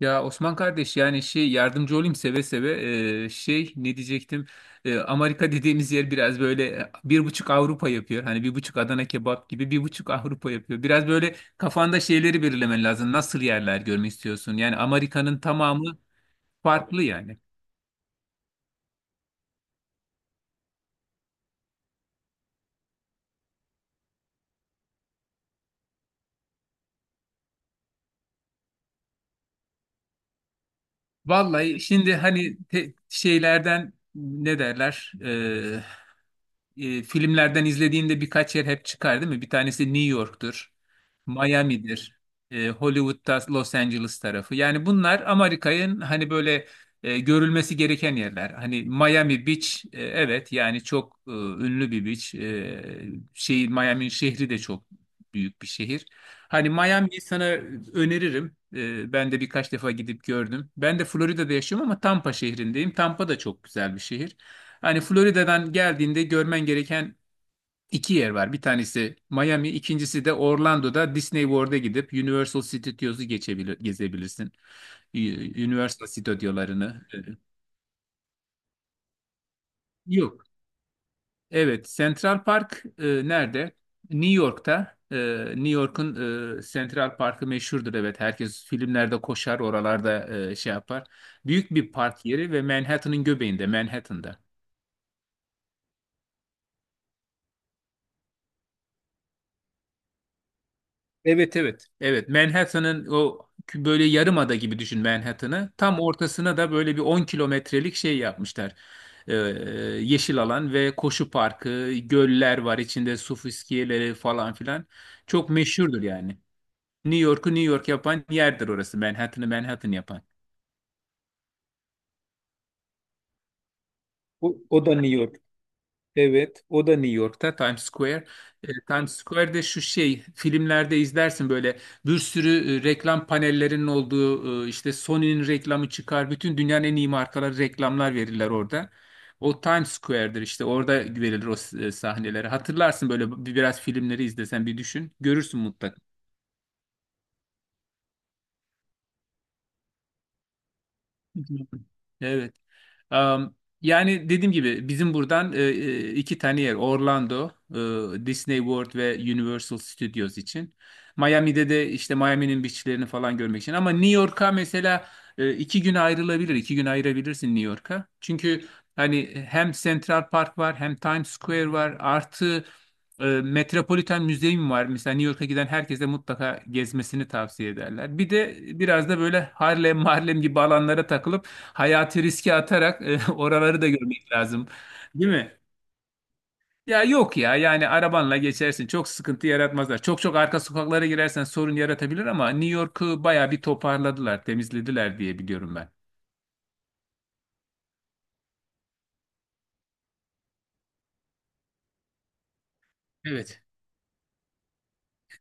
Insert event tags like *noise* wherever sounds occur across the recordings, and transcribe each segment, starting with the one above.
Ya Osman kardeş yani şey yardımcı olayım seve seve. Şey ne diyecektim. Amerika dediğimiz yer biraz böyle bir buçuk Avrupa yapıyor, hani bir buçuk Adana kebap gibi. Bir buçuk Avrupa yapıyor. Biraz böyle kafanda şeyleri belirlemen lazım, nasıl yerler görmek istiyorsun. Yani Amerika'nın tamamı farklı yani. Vallahi şimdi hani şeylerden ne derler. Filmlerden izlediğinde birkaç yer hep çıkar, değil mi? Bir tanesi New York'tur, Miami'dir, Hollywood'da Los Angeles tarafı. Yani bunlar Amerika'nın hani böyle görülmesi gereken yerler. Hani Miami Beach, evet yani çok ünlü bir beach. Miami'nin şehri de çok büyük bir şehir. Hani Miami'yi sana öneririm. Ben de birkaç defa gidip gördüm. Ben de Florida'da yaşıyorum ama Tampa şehrindeyim. Tampa da çok güzel bir şehir. Hani Florida'dan geldiğinde görmen gereken iki yer var. Bir tanesi Miami, ikincisi de Orlando'da Disney World'a gidip Universal Studios'u geçebilir, gezebilirsin. Universal Stüdyolarını. Yok. Evet, Central Park nerede? New York'ta. New York'un Central Park'ı meşhurdur. Evet, herkes filmlerde koşar, oralarda şey yapar. Büyük bir park yeri ve Manhattan'ın göbeğinde, Manhattan'da. Evet, evet. Evet. Manhattan'ın böyle yarımada gibi düşün Manhattan'ı. Tam ortasına da böyle bir 10 kilometrelik şey yapmışlar. Ee, yeşil alan ve koşu parkı, göller var içinde, su fıskiyeleri falan filan. Çok meşhurdur yani. New York'u New York yapan yerdir orası. Manhattan'ı Manhattan yapan. O da New York. Evet, o da New York'ta, Times Square. Times Square'de şu şey, filmlerde izlersin böyle bir sürü reklam panellerinin olduğu, işte Sony'nin reklamı çıkar. Bütün dünyanın en iyi markaları reklamlar verirler orada. O Times Square'dir işte, orada verilir o sahneleri. Hatırlarsın böyle bir biraz filmleri izlesen bir düşün. Görürsün mutlaka. Evet. Am, yani dediğim gibi bizim buradan iki tane yer Orlando, Disney World ve Universal Studios için. Miami'de de işte Miami'nin beachlerini falan görmek için. Ama New York'a mesela 2 gün ayrılabilir, 2 gün ayırabilirsin New York'a. Çünkü hani hem Central Park var, hem Times Square var, artı Metropolitan Müzeyim var. Mesela New York'a giden herkese mutlaka gezmesini tavsiye ederler. Bir de biraz da böyle Harlem, Harlem gibi alanlara takılıp hayatı riske atarak *laughs* oraları da görmek lazım. Değil mi? Ya yok ya, yani arabanla geçersin. Çok sıkıntı yaratmazlar. Çok çok arka sokaklara girersen sorun yaratabilir, ama New York'u bayağı bir toparladılar, temizlediler diye biliyorum ben. Evet.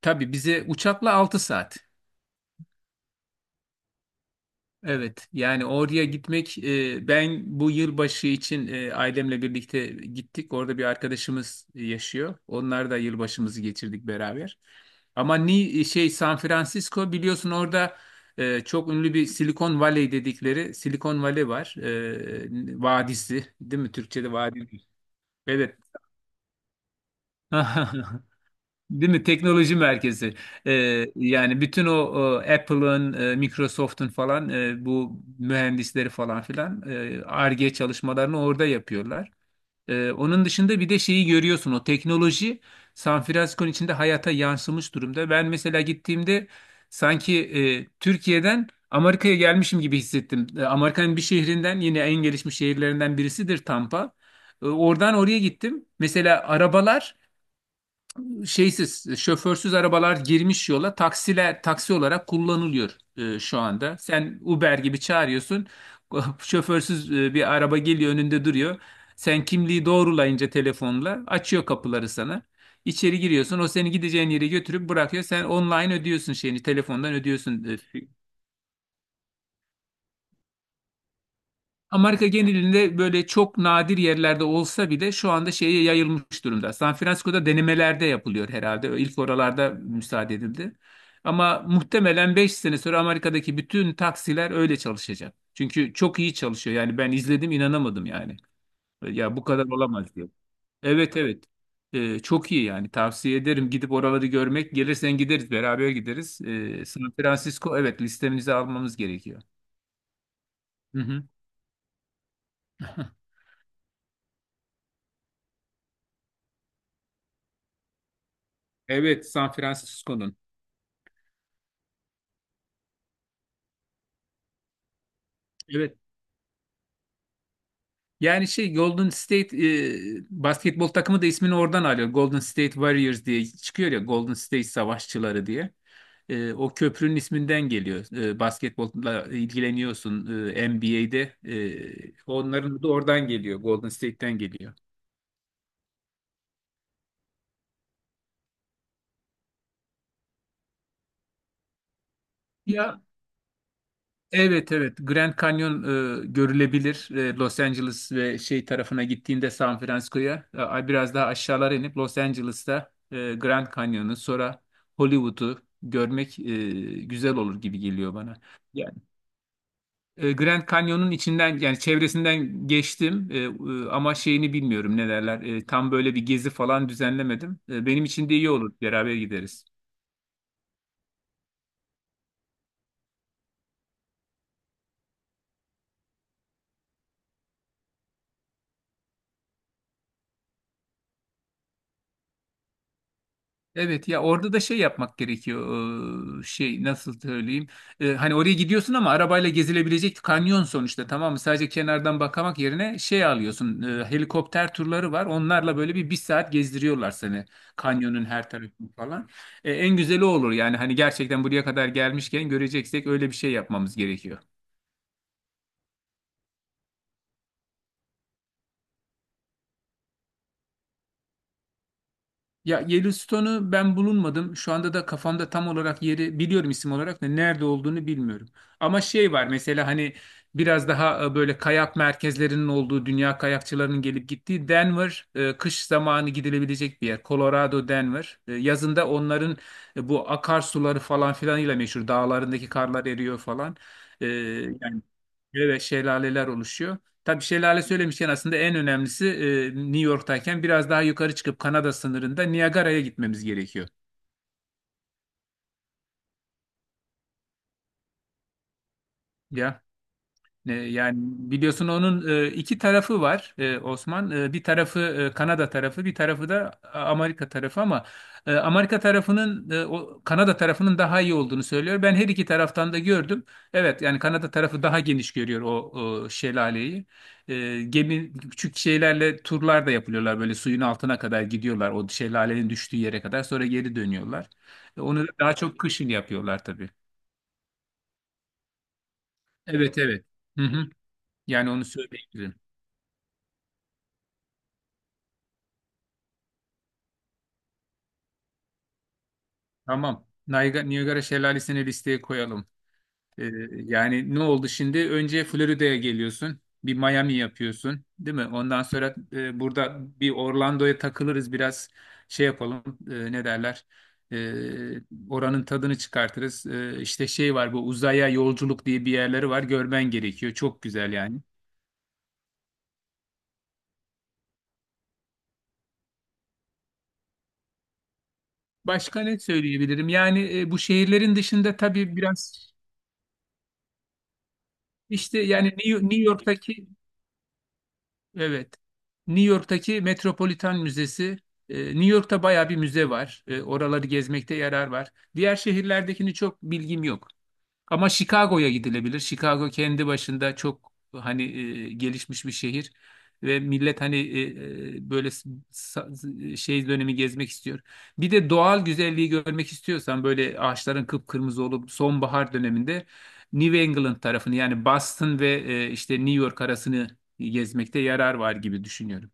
Tabii bize uçakla 6 saat. Evet yani oraya gitmek, ben bu yılbaşı için ailemle birlikte gittik. Orada bir arkadaşımız yaşıyor. Onlar da, yılbaşımızı geçirdik beraber. Ama şey San Francisco, biliyorsun orada çok ünlü bir Silikon Valley dedikleri Silikon Valley var. Vadisi değil mi? Türkçe'de vadi. Evet. *laughs* Değil mi? Teknoloji merkezi. Yani bütün o Apple'ın, Microsoft'un falan, bu mühendisleri falan filan, Ar-Ge çalışmalarını orada yapıyorlar. Onun dışında bir de şeyi görüyorsun. O teknoloji San Francisco'nun içinde hayata yansımış durumda. Ben mesela gittiğimde sanki Türkiye'den Amerika'ya gelmişim gibi hissettim. Amerika'nın bir şehrinden, yine en gelişmiş şehirlerinden birisidir Tampa. Oradan oraya gittim. Mesela arabalar, şeysiz, şoförsüz arabalar girmiş yola, taksiler taksi olarak kullanılıyor şu anda. Sen Uber gibi çağırıyorsun. *laughs* Şoförsüz bir araba geliyor, önünde duruyor. Sen kimliği doğrulayınca telefonla açıyor kapıları sana. İçeri giriyorsun. O seni gideceğin yere götürüp bırakıyor. Sen online ödüyorsun şeyini. Telefondan ödüyorsun e, Amerika genelinde böyle çok nadir yerlerde olsa bile şu anda şeye yayılmış durumda. San Francisco'da denemelerde yapılıyor herhalde. İlk oralarda müsaade edildi. Ama muhtemelen 5 sene sonra Amerika'daki bütün taksiler öyle çalışacak. Çünkü çok iyi çalışıyor. Yani ben izledim, inanamadım yani. Ya bu kadar olamaz diye. Evet, evet. Çok iyi yani, tavsiye ederim gidip oraları görmek. Gelirsen gideriz, beraber gideriz. San Francisco, evet, listemize almamız gerekiyor. Hı hı. *laughs* Evet, San Francisco'nun. Evet. Yani şey Golden State, basketbol takımı da ismini oradan alıyor. Golden State Warriors diye çıkıyor ya, Golden State Savaşçıları diye. O köprünün isminden geliyor. Basketbolla ilgileniyorsun NBA'de. Onların da oradan geliyor, Golden State'ten geliyor. Ya. Evet, evet, Grand Canyon görülebilir. Los Angeles ve şey tarafına gittiğinde, San Francisco'ya biraz daha aşağılara inip Los Angeles'ta Grand Canyon'u, sonra Hollywood'u görmek güzel olur gibi geliyor bana. Yani Grand Canyon'un içinden, yani çevresinden geçtim, ama şeyini bilmiyorum ne derler. Tam böyle bir gezi falan düzenlemedim. Benim için de iyi olur, beraber gideriz. Evet ya, orada da şey yapmak gerekiyor. Şey nasıl söyleyeyim. Hani oraya gidiyorsun, ama arabayla gezilebilecek kanyon sonuçta, tamam mı, sadece kenardan bakmak yerine şey alıyorsun, helikopter turları var, onlarla böyle bir bir saat gezdiriyorlar seni, kanyonun her tarafını falan. En güzeli o olur yani, hani gerçekten buraya kadar gelmişken göreceksek, öyle bir şey yapmamız gerekiyor. Ya Yellowstone'u ben bulunmadım. Şu anda da kafamda tam olarak yeri biliyorum, isim olarak da nerede olduğunu bilmiyorum. Ama şey var mesela, hani biraz daha böyle kayak merkezlerinin olduğu, dünya kayakçılarının gelip gittiği Denver, kış zamanı gidilebilecek bir yer. Colorado Denver. Yazında onların bu akarsuları falan filanıyla meşhur. Dağlarındaki karlar eriyor falan. Yani böyle şelaleler oluşuyor. Tabii şelale söylemişken aslında en önemlisi, New York'tayken biraz daha yukarı çıkıp Kanada sınırında Niagara'ya gitmemiz gerekiyor. Ya. Yani biliyorsun onun iki tarafı var Osman. Bir tarafı Kanada tarafı, bir tarafı da Amerika tarafı, ama Amerika tarafının, o Kanada tarafının daha iyi olduğunu söylüyor. Ben her iki taraftan da gördüm. Evet yani Kanada tarafı daha geniş görüyor o şelaleyi. Gemi küçük şeylerle turlar da yapılıyorlar, böyle suyun altına kadar gidiyorlar, o şelalenin düştüğü yere kadar, sonra geri dönüyorlar. Onu da daha çok kışın yapıyorlar tabii. Evet, evet. Hı hı. Yani onu söyleyebilirim. Tamam. Niagara, Niagara Şelalesi'ni listeye koyalım. Yani ne oldu şimdi? Önce Florida'ya geliyorsun. Bir Miami yapıyorsun, değil mi? Ondan sonra burada bir Orlando'ya takılırız biraz, şey yapalım, ne derler? Ee, oranın tadını çıkartırız. İşte şey var, bu uzaya yolculuk diye bir yerleri var. Görmen gerekiyor. Çok güzel yani. Başka ne söyleyebilirim? Yani bu şehirlerin dışında tabii biraz işte, yani New York'taki. Evet. New York'taki Metropolitan Müzesi. New York'ta bayağı bir müze var. Oraları gezmekte yarar var. Diğer şehirlerdekini çok bilgim yok. Ama Chicago'ya gidilebilir. Chicago kendi başında çok hani gelişmiş bir şehir, ve millet hani böyle şey dönemi gezmek istiyor. Bir de doğal güzelliği görmek istiyorsan, böyle ağaçların kıpkırmızı olup sonbahar döneminde New England tarafını, yani Boston ve işte New York arasını gezmekte yarar var gibi düşünüyorum.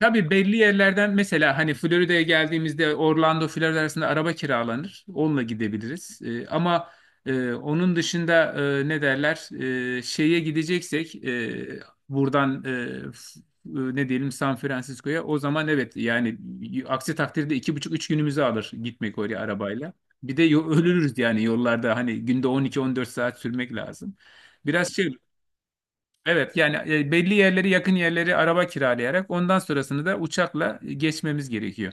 Tabii belli yerlerden, mesela hani Florida'ya geldiğimizde Orlando Florida arasında araba kiralanır. Onunla gidebiliriz. Ama onun dışında ne derler, şeye gideceksek, buradan, ne diyelim, San Francisco'ya o zaman, evet yani, aksi takdirde 2,5-3 günümüzü alır gitmek oraya arabayla. Bir de ölürüz yani yollarda, hani günde 12-14 saat sürmek lazım. Biraz şey. Evet yani belli yerleri, yakın yerleri araba kiralayarak, ondan sonrasını da uçakla geçmemiz gerekiyor.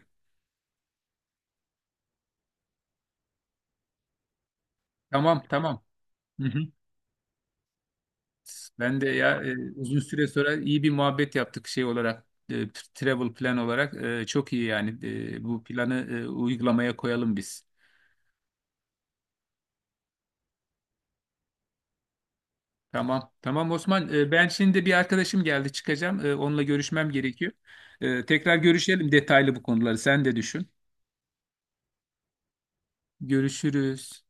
Tamam, tamam. Hı hı. Ben de ya uzun süre sonra iyi bir muhabbet yaptık, şey olarak travel plan olarak. Çok iyi yani. Bu planı uygulamaya koyalım biz. Tamam, tamam Osman. Ben şimdi bir arkadaşım geldi, çıkacağım. Onunla görüşmem gerekiyor. Tekrar görüşelim detaylı, bu konuları sen de düşün. Görüşürüz.